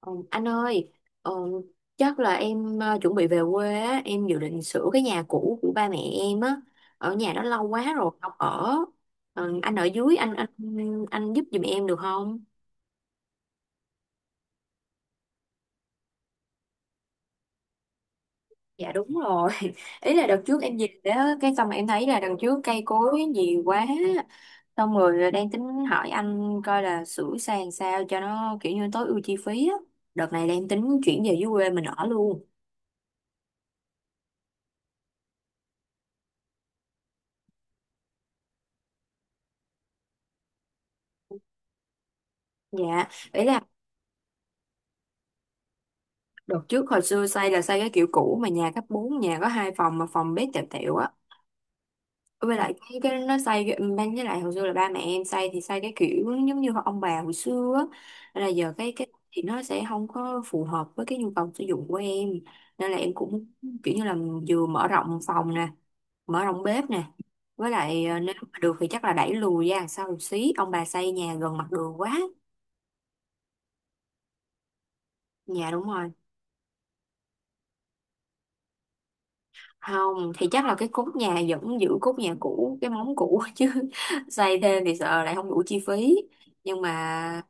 Ờ, Anh ơi, ờ, chắc là em chuẩn bị về quê á, em dự định sửa cái nhà cũ của ba mẹ em á, ở nhà đó lâu quá rồi không ở. Anh ở dưới, anh giúp giùm em được không? Dạ đúng rồi. Ý là đợt trước em về đó, cái xong em thấy là đằng trước cây cối nhiều quá. Xong rồi đang tính hỏi anh coi là sửa sang sao cho nó kiểu như tối ưu chi phí á. Đợt này đang tính chuyển về dưới quê mình ở luôn. Dạ, ý là. Đợt trước hồi xưa xây là xây cái kiểu cũ, mà nhà cấp bốn, nhà có hai phòng mà phòng bếp tẹo tẹo á. Với lại cái nó xây cái- ban với lại hồi xưa là ba mẹ em xây thì xây cái kiểu giống như ông bà hồi xưa á. Nên là giờ cái thì nó sẽ không có phù hợp với cái nhu cầu sử dụng của em, nên là em cũng kiểu như là vừa mở rộng phòng nè, mở rộng bếp nè, với lại nếu mà được thì chắc là đẩy lùi ra đằng sau một xí, ông bà xây nhà gần mặt đường quá. Dạ đúng rồi. Không thì chắc là cái cốt nhà vẫn giữ cốt nhà cũ, cái móng cũ chứ xây thêm thì sợ lại không đủ chi phí. Nhưng mà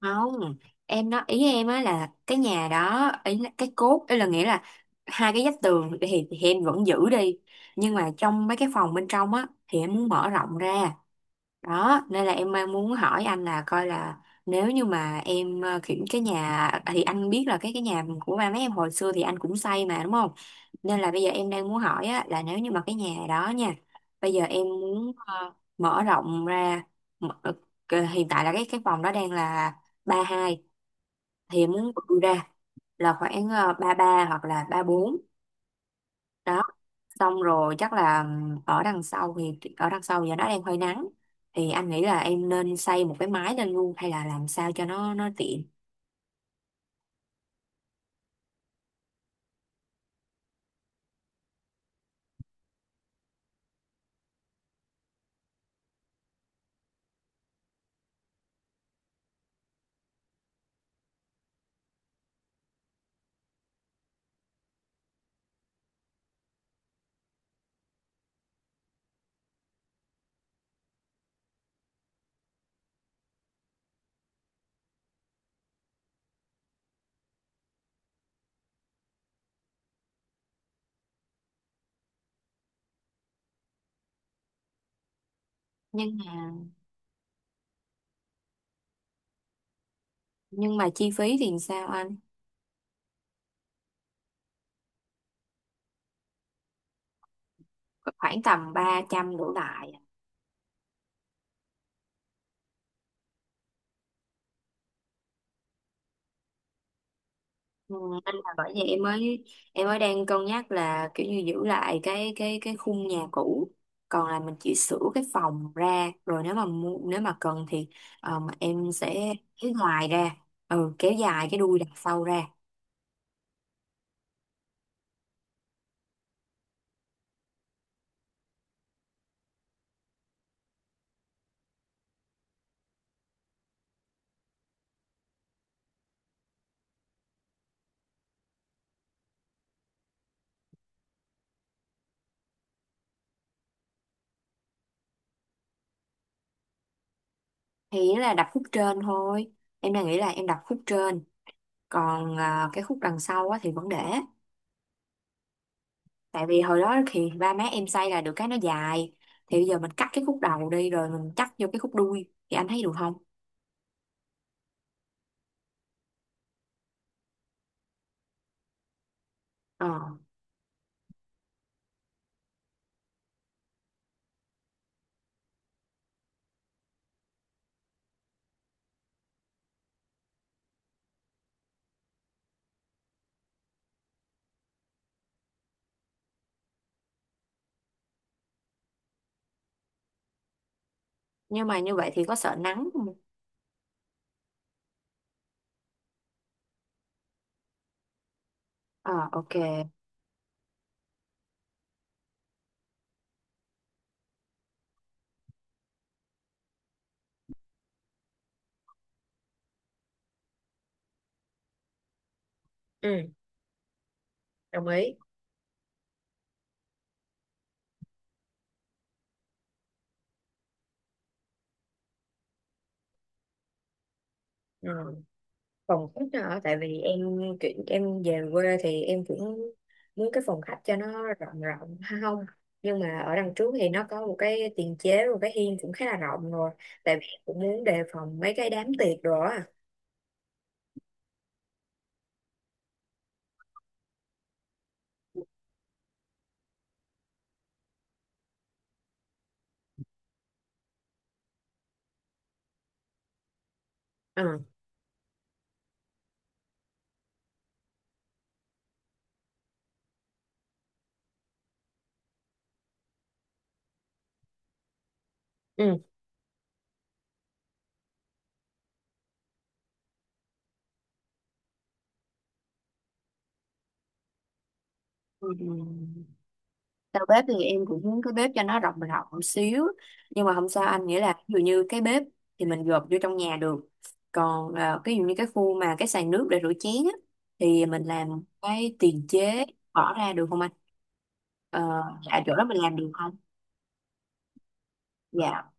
không, em nói ý em á là cái nhà đó, ý là cái cốt, ý là nghĩa là hai cái vách tường thì em vẫn giữ đi, nhưng mà trong mấy cái phòng bên trong á thì em muốn mở rộng ra. Đó, nên là em đang muốn hỏi anh là coi là nếu như mà em kiểu cái nhà à, thì anh biết là cái nhà của ba mấy em hồi xưa thì anh cũng xây mà đúng không. Nên là bây giờ em đang muốn hỏi á, là nếu như mà cái nhà đó nha, bây giờ em muốn mở rộng ra. mở, ờ, Hiện tại là cái phòng đó đang là ba hai, thì em muốn bự ra là khoảng ba ba hoặc là ba bốn. Đó, xong rồi chắc là ở đằng sau, thì ở đằng sau giờ nó đang hơi nắng, thì anh nghĩ là em nên xây một cái mái lên luôn hay là làm sao cho nó tiện. Nhưng mà nhưng mà chi phí thì sao anh? Khoảng tầm 300 đổ lại. Ừ, anh, là bởi vậy em mới đang cân nhắc là kiểu như giữ lại cái khung nhà cũ, còn là mình chỉ sửa cái phòng ra, rồi nếu mà cần thì mà em sẽ kéo ngoài ra, ừ, kéo dài cái đuôi đằng sau ra. Thì nó là đập khúc trên thôi, em đang nghĩ là em đập khúc trên, còn à, cái khúc đằng sau á, thì vẫn để. Tại vì hồi đó thì ba má em xây là được cái nó dài, thì bây giờ mình cắt cái khúc đầu đi rồi mình cắt vô cái khúc đuôi thì anh thấy được không? ờ nhưng mà như vậy thì có sợ nắng không? Ờ, ok. Ừ, đồng ý. Ừ. Phòng khách đó, hả? Tại vì em chuyển em về quê thì em cũng muốn cái phòng khách cho nó rộng rộng ha không. Nhưng mà ở đằng trước thì nó có một cái tiền chế, một cái hiên cũng khá là rộng rồi. Tại vì em cũng muốn đề phòng mấy cái đám tiệc rồi á. À. Ừ. Ừ. Đầu bếp thì em cũng muốn cái bếp cho nó rộng rộng một xíu, nhưng mà không sao anh, nghĩa là ví dụ như cái bếp thì mình gộp vô trong nhà được. Còn cái ví dụ như cái khu mà cái sàn nước để rửa chén á, thì mình làm cái tiền chế, bỏ ra được không anh? ờ, dạ, chỗ đó mình làm được không? Dạ.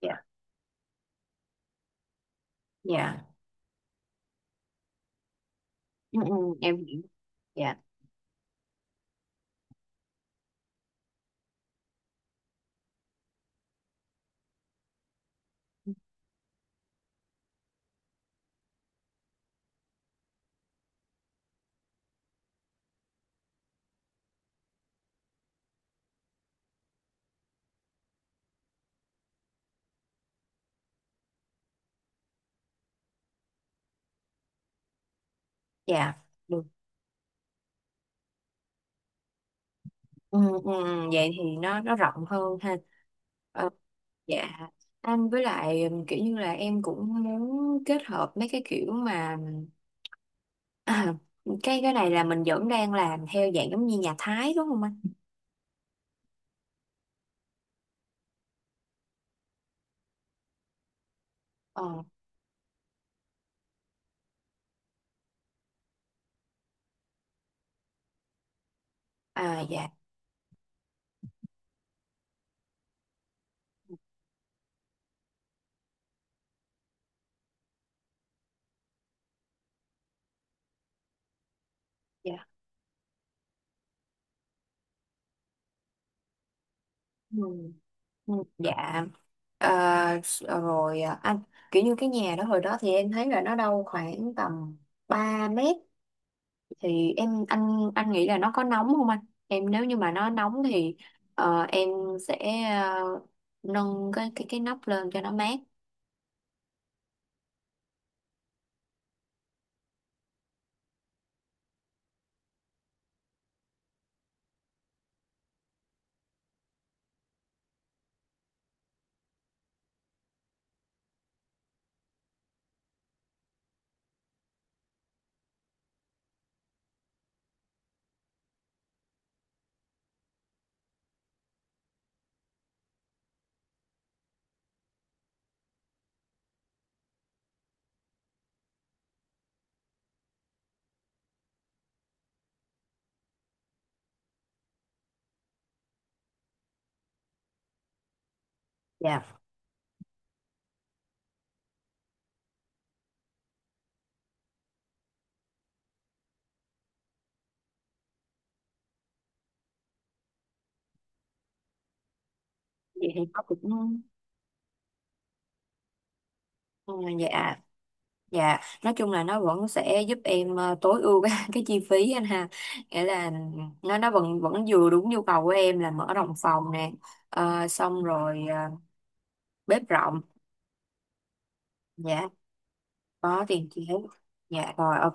Dạ. Dạ. Ừ, ừ, em hiểu. Dạ. Dạ, được. Ừ, ừ, ừ, vậy thì nó rộng hơn ha. Ờ, dạ, anh với lại kiểu như là em cũng muốn kết hợp mấy cái kiểu mà à, cái này là mình vẫn đang làm theo dạng giống như nhà Thái đúng không anh? Ờ, à dạ, dạ. Ừ, ừ, dạ, ờ, rồi à, anh, kiểu như cái nhà đó hồi đó thì em thấy là nó đâu khoảng tầm 3 mét, thì em, anh nghĩ là nó có nóng không anh? Em nếu như mà nó nóng thì em sẽ nâng cái nóc lên cho nó mát. Dạ, vậy thì nó cũng à, dạ, dạ, nói chung là nó vẫn sẽ giúp em tối ưu cái, cái chi phí anh ha, nghĩa là nó vẫn vẫn vừa đúng nhu cầu của em là mở đồng phòng nè, xong rồi bếp rộng. Dạ, có tiền chị hết. Dạ, rồi ok.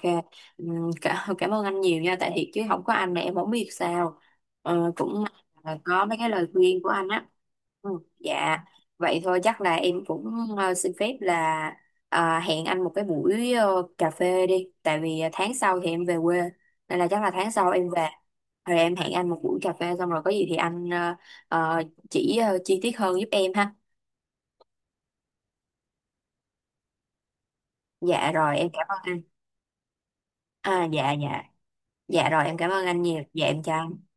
Cảm ơn anh nhiều nha, tại thiệt chứ không có anh là em không biết sao. Ờ, cũng may là có mấy cái lời khuyên của anh á. Ừ, dạ. Vậy thôi chắc là em cũng xin phép là hẹn anh một cái buổi cà phê đi, tại vì tháng sau thì em về quê, nên là chắc là tháng sau em về, rồi em hẹn anh một buổi cà phê xong rồi có gì thì anh ờ, chỉ chi tiết hơn giúp em ha. Dạ rồi em cảm ơn anh. À dạ, dạ. Dạ rồi em cảm ơn anh nhiều. Dạ em chào anh.